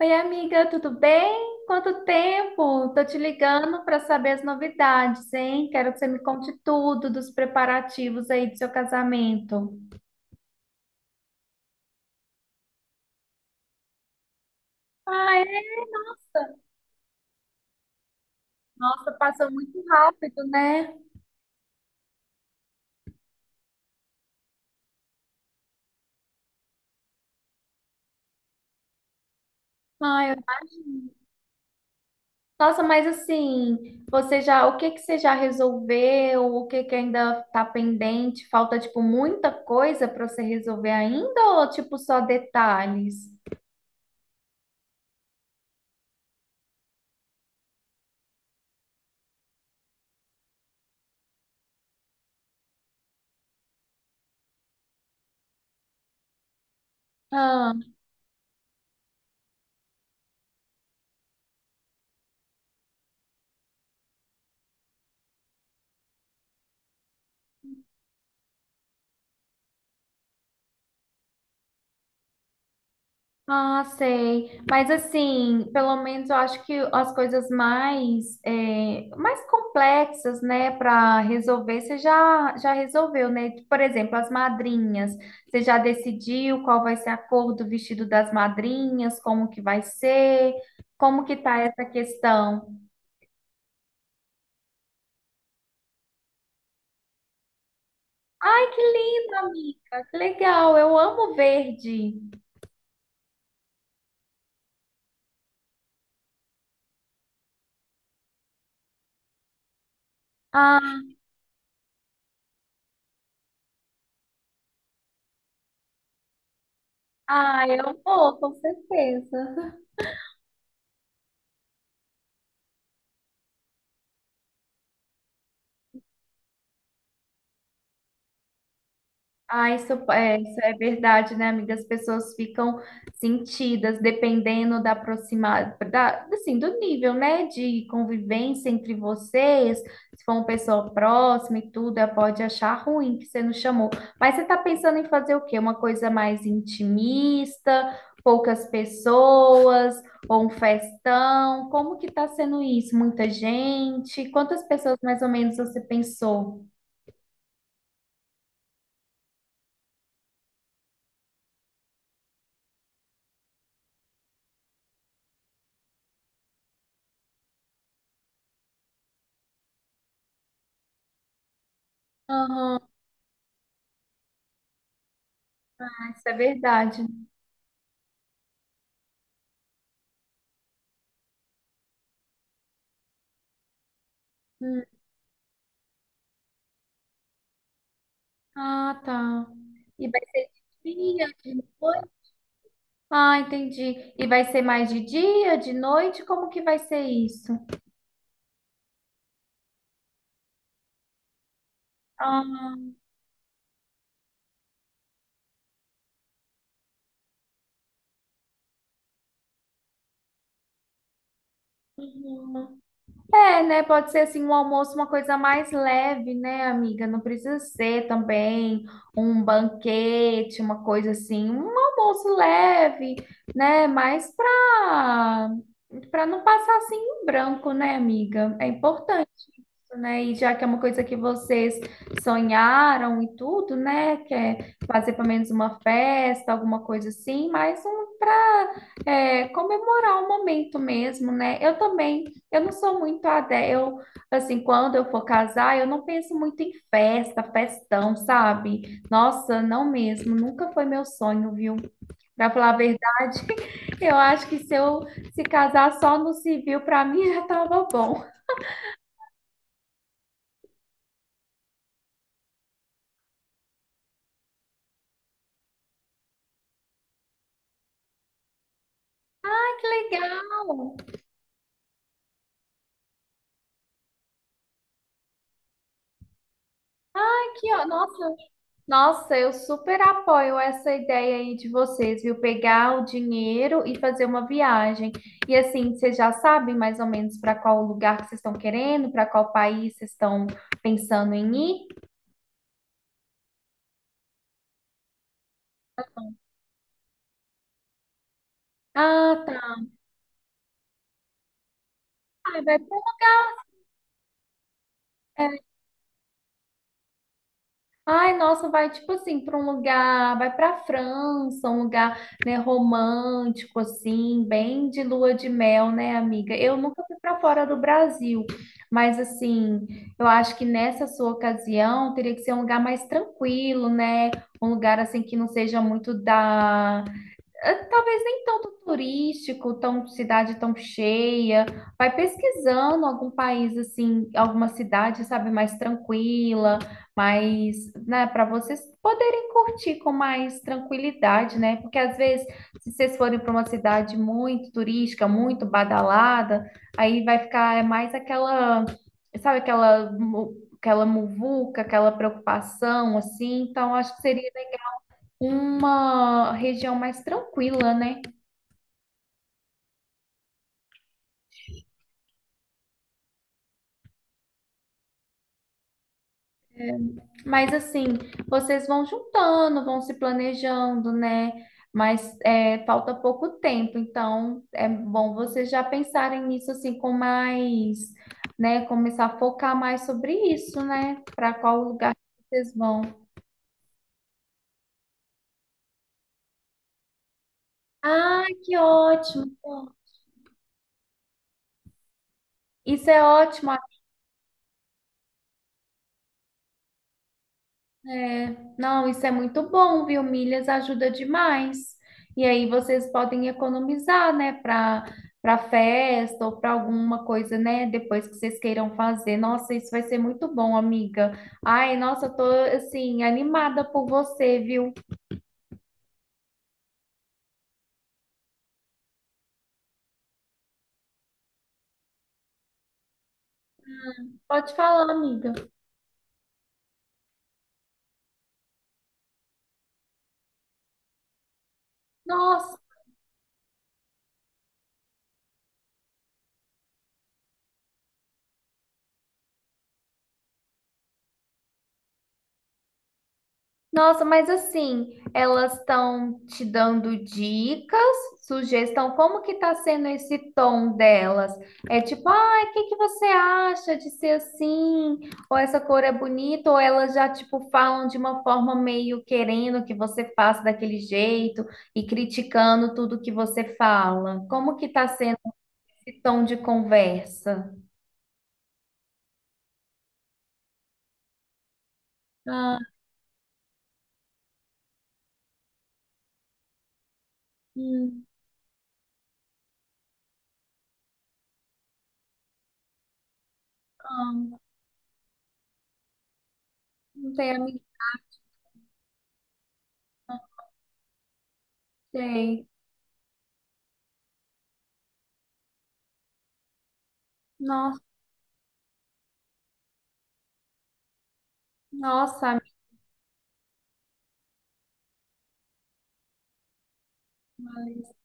Oi, amiga, tudo bem? Quanto tempo? Tô te ligando para saber as novidades, hein? Quero que você me conte tudo dos preparativos aí do seu casamento. Ah, é? Nossa, passou muito rápido, né? Ai, eu- Nossa, mas assim, o que que você já resolveu? O que que ainda tá pendente? Falta, tipo, muita coisa para você resolver ainda ou, tipo, só detalhes? Ah. Ah, sei. Mas assim, pelo menos eu acho que as coisas mais, é, mais complexas, né, para resolver, já resolveu, né? Por exemplo, as madrinhas. Você já decidiu qual vai ser a cor do vestido das madrinhas, como que vai ser, como que tá essa questão? Ai, que lindo, amiga. Que legal. Eu amo verde. Ah, ah, eu vou, com certeza. Ah, isso é verdade, né, amiga? As pessoas ficam sentidas dependendo da aproximada, da, assim, do nível, né, de convivência entre vocês. Se for uma pessoa próxima e tudo, ela pode achar ruim que você não chamou. Mas você tá pensando em fazer o quê? Uma coisa mais intimista, poucas pessoas, ou um festão? Como que tá sendo isso? Muita gente? Quantas pessoas mais ou menos você pensou? Aham, isso é verdade. Ah, tá. E vai ser de dia, de noite? Ah, entendi. E vai ser mais de dia, de noite? Como que vai ser isso? Ah, uhum. É, né? Pode ser assim um almoço, uma coisa mais leve, né, amiga? Não precisa ser também um banquete, uma coisa assim, um almoço leve, né? Mais para não passar assim em branco, né, amiga? É importante. Né? E já que é uma coisa que vocês sonharam e tudo, né? Que é fazer pelo menos uma festa, alguma coisa assim, mas um para comemorar o momento mesmo, né? Eu também, eu não sou muito adé, eu assim, quando eu for casar, eu não penso muito em festa, festão, sabe? Nossa, não mesmo, nunca foi meu sonho, viu? Para falar a verdade, eu acho que se casar só no civil, para mim já tava bom. Que legal! Aqui, ó, nossa, nossa, eu super apoio essa ideia aí de vocês, viu? Pegar o dinheiro e fazer uma viagem. E assim, vocês já sabem mais ou menos para qual lugar que vocês estão querendo, para qual país vocês estão pensando em ir? Ah, tá. Ah, vai pra... Ai, nossa, vai tipo assim para um lugar, vai para França, um lugar, né, romântico assim, bem de lua de mel, né, amiga? Eu nunca fui para fora do Brasil, mas assim, eu acho que nessa sua ocasião teria que ser um lugar mais tranquilo, né? Um lugar assim que não seja muito da talvez nem tanto turístico, tão cidade tão cheia. Vai pesquisando algum país assim, alguma cidade, sabe, mais tranquila, mais, né, para vocês poderem curtir com mais tranquilidade, né? Porque às vezes, se vocês forem para uma cidade muito turística, muito badalada, aí vai ficar é mais aquela, sabe, aquela muvuca, aquela preocupação assim. Então, acho que seria uma região mais tranquila, né? Mas assim, vocês vão juntando, vão se planejando, né? Mas é, falta pouco tempo, então é bom vocês já pensarem nisso assim com mais, né? Começar a focar mais sobre isso, né? Para qual lugar que vocês vão. Ah, que ótimo! Isso é ótimo. É, não, isso é muito bom, viu? Milhas ajuda demais. E aí vocês podem economizar, né, para festa ou para alguma coisa, né, depois que vocês queiram fazer. Nossa, isso vai ser muito bom, amiga. Ai, nossa, eu tô assim animada por você, viu? Pode falar, amiga. Nossa. Nossa, mas assim, elas estão te dando dicas, sugestão, como que tá sendo esse tom delas? É tipo, ah, o que que você acha de ser assim? Ou essa cor é bonita? Ou elas já, tipo, falam de uma forma meio querendo que você faça daquele jeito e criticando tudo que você fala? Como que tá sendo esse tom de conversa? Ah, hum, ah, não tenho, não sei. Nossa, nossa, amiga.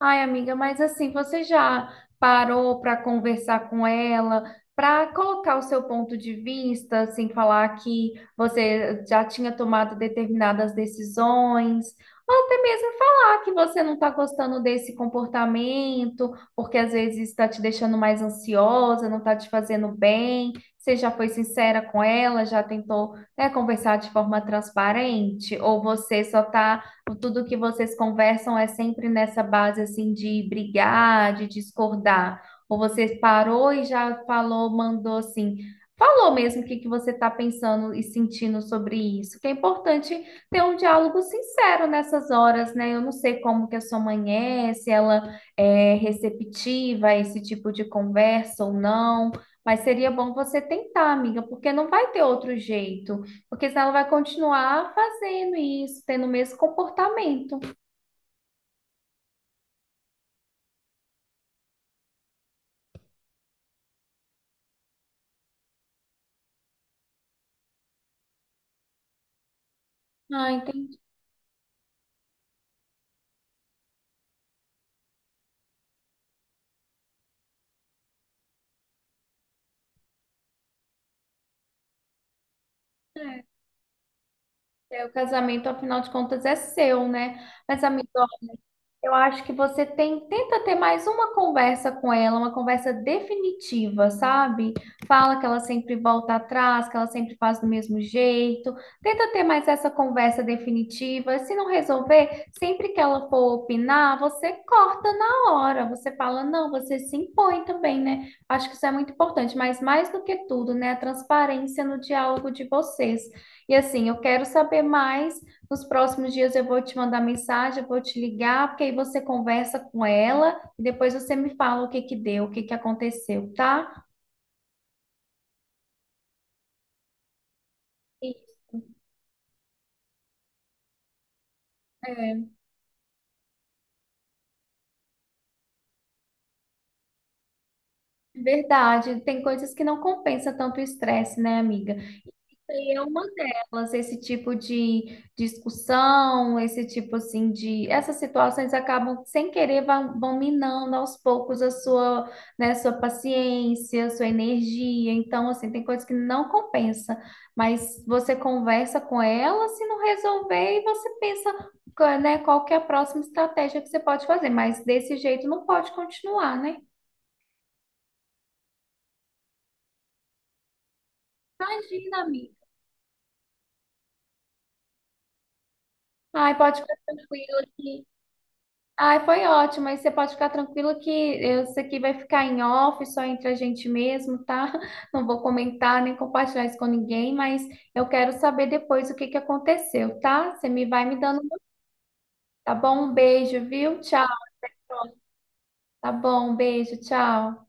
Ai, amiga, mas assim, você já parou para conversar com ela, para colocar o seu ponto de vista, assim, falar que você já tinha tomado determinadas decisões, ou até mesmo falar que você não está gostando desse comportamento, porque às vezes está te deixando mais ansiosa, não está te fazendo bem. Você já foi sincera com ela, já tentou, né, conversar de forma transparente, ou você só está tudo que vocês conversam é sempre nessa base assim de brigar, de discordar? Ou você parou e já falou, mandou assim, falou mesmo o que que você está pensando e sentindo sobre isso? Que é importante ter um diálogo sincero nessas horas, né? Eu não sei como que a sua mãe é, se ela é receptiva a esse tipo de conversa ou não. Mas seria bom você tentar, amiga, porque não vai ter outro jeito. Porque senão ela vai continuar fazendo isso, tendo o mesmo comportamento. Ah, entendi. É, é, o casamento, afinal de contas, é seu, né? Mas, amigo, eu acho que tenta ter mais uma conversa com ela, uma conversa definitiva, sabe? Fala que ela sempre volta atrás, que ela sempre faz do mesmo jeito. Tenta ter mais essa conversa definitiva. Se não resolver, sempre que ela for opinar, você corta na hora. Você fala, não, você se impõe também, né? Acho que isso é muito importante, mas mais do que tudo, né? A transparência no diálogo de vocês. E assim, eu quero saber mais. Nos próximos dias eu vou te mandar mensagem, eu vou te ligar, porque aí você conversa com ela e depois você me fala o que que deu, o que que aconteceu, tá? E- é verdade, tem coisas que não compensa tanto o estresse, né, amiga? É uma delas, esse tipo de discussão, esse tipo assim de, essas situações acabam sem querer vão minando aos poucos a sua, né, sua paciência, sua energia. Então, assim, tem coisas que não compensa, mas você conversa com ela, se não resolver, e você pensa, né, qual que é a próxima estratégia que você pode fazer, mas desse jeito não pode continuar, né? Imagina, amiga. Ai, pode ficar tranquila que ai, foi ótimo. Aí você pode ficar tranquilo que eu- isso aqui vai ficar em off, só entre a gente mesmo, tá? Não vou comentar nem compartilhar isso com ninguém, mas eu quero saber depois o que que aconteceu, tá? Você me dando, tá bom? Um beijo, viu? Tchau. Tá bom, um beijo, tchau.